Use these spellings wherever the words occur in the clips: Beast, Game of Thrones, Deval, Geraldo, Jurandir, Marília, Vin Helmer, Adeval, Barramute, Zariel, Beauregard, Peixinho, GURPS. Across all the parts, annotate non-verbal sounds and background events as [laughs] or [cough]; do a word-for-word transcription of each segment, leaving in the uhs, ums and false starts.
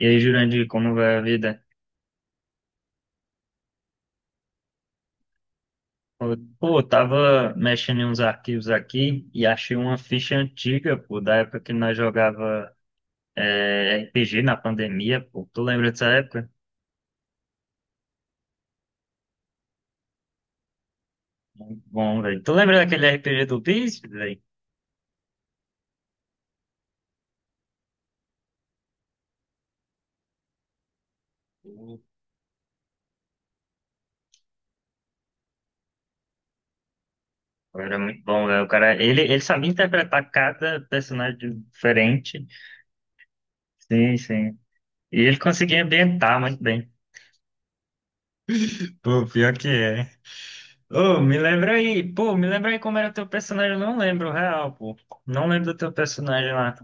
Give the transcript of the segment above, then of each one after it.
E aí, Jurandir, como vai a vida? Pô, pô, eu tava mexendo em uns arquivos aqui e achei uma ficha antiga, pô, da época que nós jogava é, R P G na pandemia, pô. Tu lembra dessa época? Muito bom, velho. Tu lembra daquele R P G do Beast, velho? Pô, era muito bom, velho. O cara, ele, ele sabia interpretar cada personagem diferente. Sim, sim. E ele conseguia ambientar muito bem. Pô, pior que é. Ô, me lembra aí. Pô, me lembra aí como era teu personagem. Eu não lembro, real, pô. Não lembro do teu personagem lá.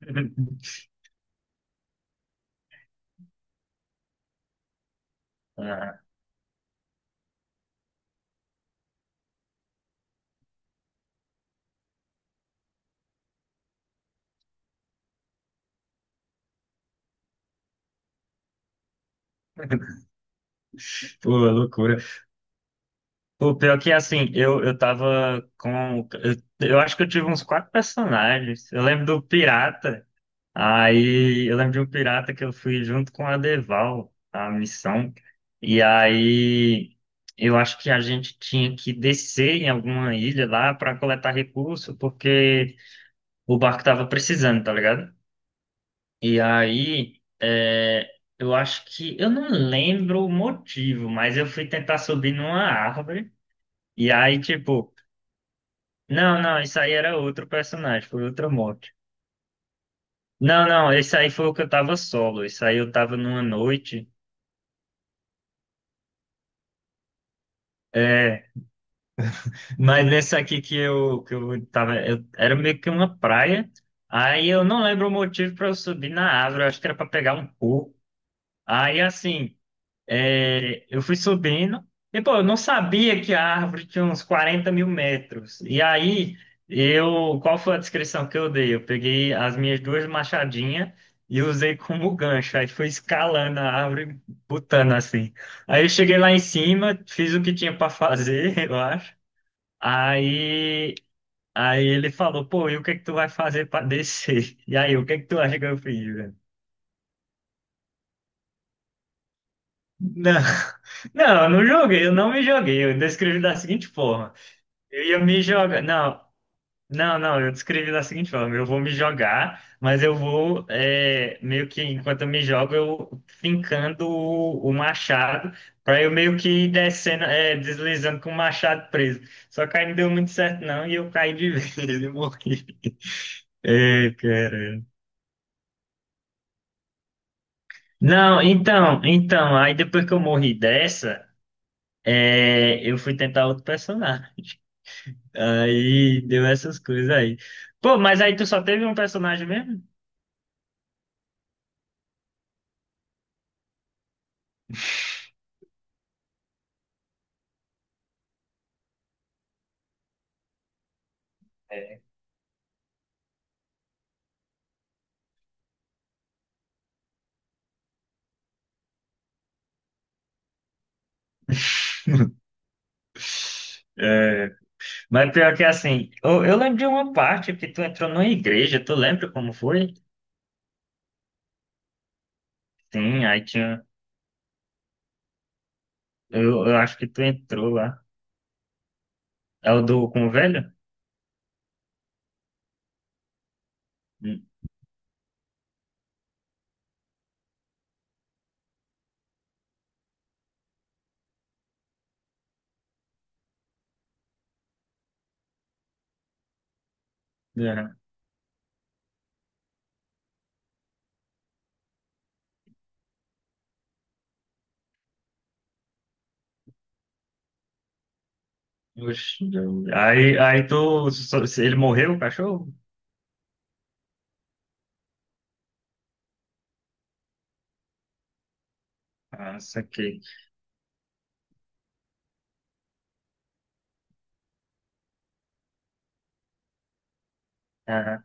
[laughs] Ah, pô, loucura. Pô, pior que assim, eu, eu tava com. Eu, eu acho que eu tive uns quatro personagens. Eu lembro do Pirata. Aí eu lembro de um pirata que eu fui junto com a Deval, a missão. E aí eu acho que a gente tinha que descer em alguma ilha lá para coletar recurso, porque o barco tava precisando, tá ligado? E aí, é, eu acho que, eu não lembro o motivo, mas eu fui tentar subir numa árvore, e aí, tipo, não, não, isso aí era outro personagem, foi outra morte. Não, não, esse aí foi o que eu tava solo, isso aí eu tava numa noite, é, mas nesse aqui que eu, que eu tava, eu- era meio que uma praia, aí eu não lembro o motivo pra eu subir na árvore, eu acho que era pra pegar um coco. Aí, assim, é, eu fui subindo, e pô, eu não sabia que a árvore tinha uns quarenta mil metros. E aí, eu, qual foi a descrição que eu dei? Eu peguei as minhas duas machadinhas e usei como gancho. Aí fui escalando a árvore, botando assim. Aí eu cheguei lá em cima, fiz o que tinha para fazer, [laughs] eu acho. Aí, aí ele falou, pô, e o que é que tu vai fazer para descer? E aí, o que é que tu acha que eu fiz? Não, [laughs] não, eu não joguei, eu não me joguei. Eu descrevi da seguinte forma: eu ia me jogar. Não, não, não, eu descrevi da seguinte forma: eu vou me jogar, mas eu vou, é, meio que enquanto eu me jogo, eu fincando o, o machado, pra eu meio que ir descendo, é, deslizando com o machado preso. Só que aí não deu muito certo, não, e eu caí de [laughs] vez e morri. Ei, cara. Não, então, então, aí depois que eu morri dessa, é, eu fui tentar outro personagem. Aí deu essas coisas aí. Pô, mas aí tu só teve um personagem mesmo? É. [laughs] É, mas pior que assim, eu, eu lembro de uma parte que tu entrou numa igreja, tu lembra como foi? Sim, aí tinha. Eu, eu acho que tu entrou lá. É o do com o velho? Hum, é. Oxi, eu- Aí, aí tu. Só- Ele morreu, o cachorro? Ah, que. Ah,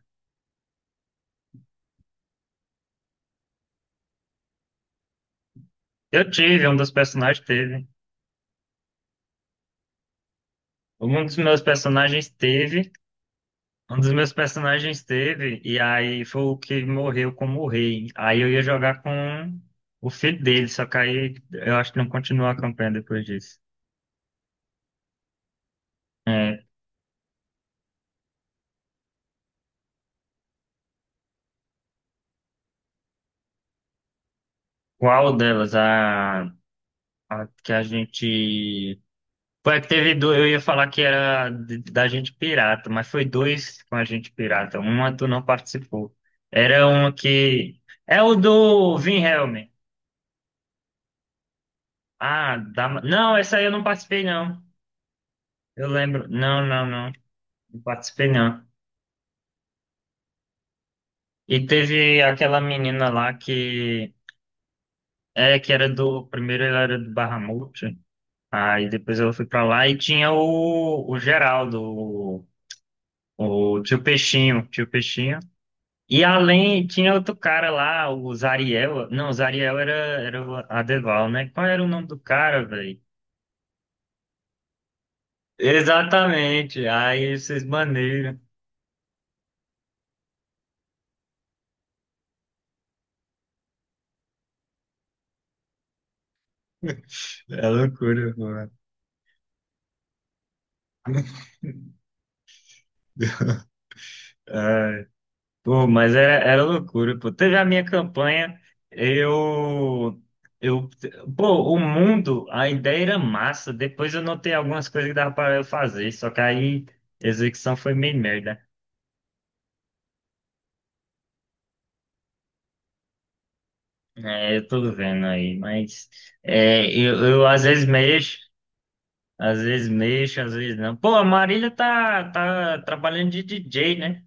eu tive, um dos personagens teve. Um dos meus personagens teve. Um dos meus personagens teve, e aí foi o que morreu como rei. Aí eu ia jogar com o filho dele, só que aí eu acho que não continuou a campanha depois disso. É, qual delas? A, a que a gente. Foi a que teve dois, eu ia falar que era de- da gente pirata, mas foi dois com a gente pirata. Uma tu não participou. Era uma que. É o do Vin Helmer. Ah, da... não, essa aí eu não participei, não. Eu lembro. Não, não, não. Não participei, não. E teve aquela menina lá que é que era do primeiro, ela era do Barramute, aí depois ela foi pra lá e tinha o, o Geraldo, o, o tio Peixinho, tio Peixinho. E além tinha outro cara lá, o Zariel, não, o Zariel era era o Adeval, né? Qual era o nome do cara, velho? Exatamente. Aí vocês maneiram. É loucura, mano. Pô, mas era, era loucura, pô. Teve a minha campanha, eu, eu, pô, o mundo, a ideia era massa. Depois eu notei algumas coisas que dava para eu fazer, só que aí a execução foi meio merda. É, eu tô vendo aí, mas é, eu, eu às vezes mexo, às vezes mexo, às vezes não. Pô, a Marília tá, tá trabalhando de D J, né?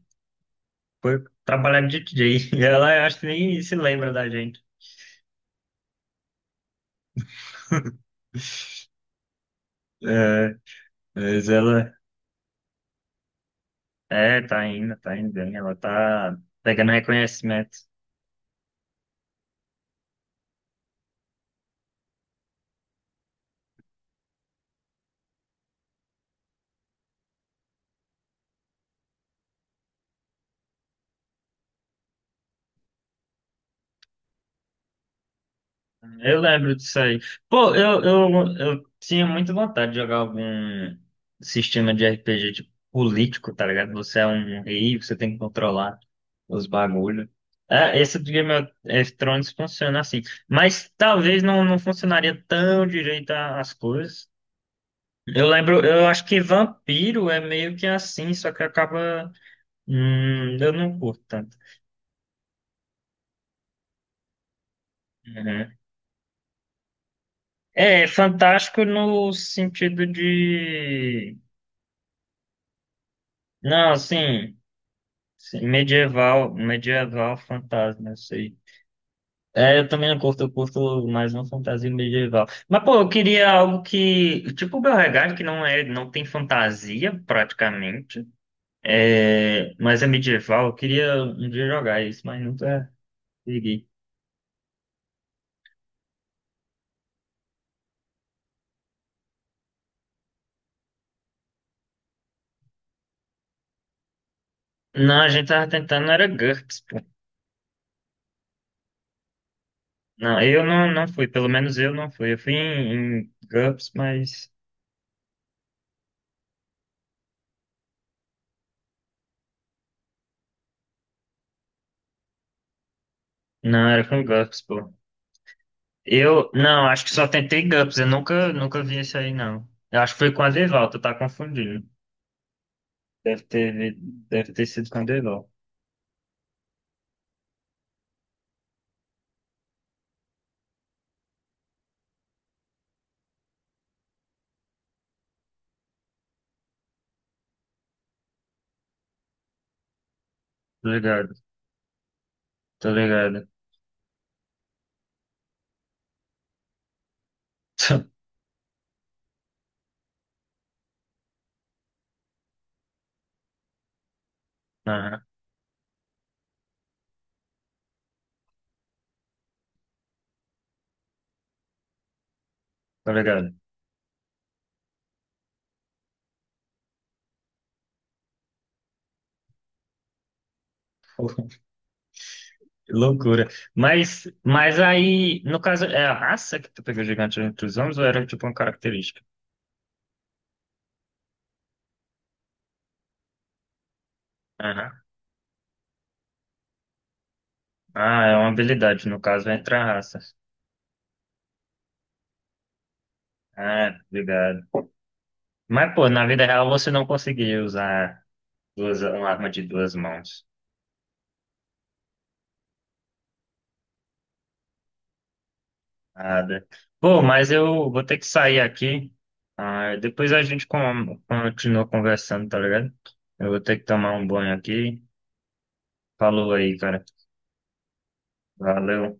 Foi trabalhar de D J. E [laughs] ela, eu acho que nem se lembra da gente. É, mas ela é, tá indo, tá indo bem. Ela tá pegando reconhecimento. Eu lembro disso aí. Pô, eu, eu, eu tinha muita vontade de jogar algum sistema de R P G de político, tá ligado? Você é um rei, você tem que controlar os bagulhos. É, esse do Game of Thrones funciona assim. Mas talvez não, não funcionaria tão direito a- as coisas. Eu lembro, eu acho que vampiro é meio que assim, só que acaba. Hum, eu não curto tanto. Uhum. É fantástico no sentido de. Não, assim, sim, medieval, medieval fantasma, isso aí. É, eu também não curto, eu curto mais uma fantasia medieval. Mas, pô, eu queria algo que. Tipo o Beauregard, que não é, não tem fantasia, praticamente. É, mas é medieval. Eu queria um dia jogar isso, mas nunca liguei. Não, a gente tava tentando, era GURPS, pô. Não, eu não, não fui, pelo menos eu não fui. Eu fui em, em GURPS, mas. Não, era com GURPS, pô. Eu, não, acho que só tentei GURPS, eu nunca, nunca vi isso aí, não. Eu acho que foi com a Deval, tu tá confundindo. Deve ter, vi- deve ter sido com a Deval. Tô ligado, tô ligado. [laughs] Aham, tô ligado. [laughs] Que loucura. Mas, mas aí, no caso, é a raça que tu pegou gigante entre os homens ou era tipo uma característica? Aham. Ah, é uma habilidade, no caso, entre a raça. Ah, obrigado. Mas, pô, na vida real você não conseguia usar duas, uma arma de duas mãos. Nada. Pô, mas eu vou ter que sair aqui. Ah, depois a gente con- continua conversando, tá ligado? Eu vou ter que tomar um banho aqui. Falou aí, cara. Valeu.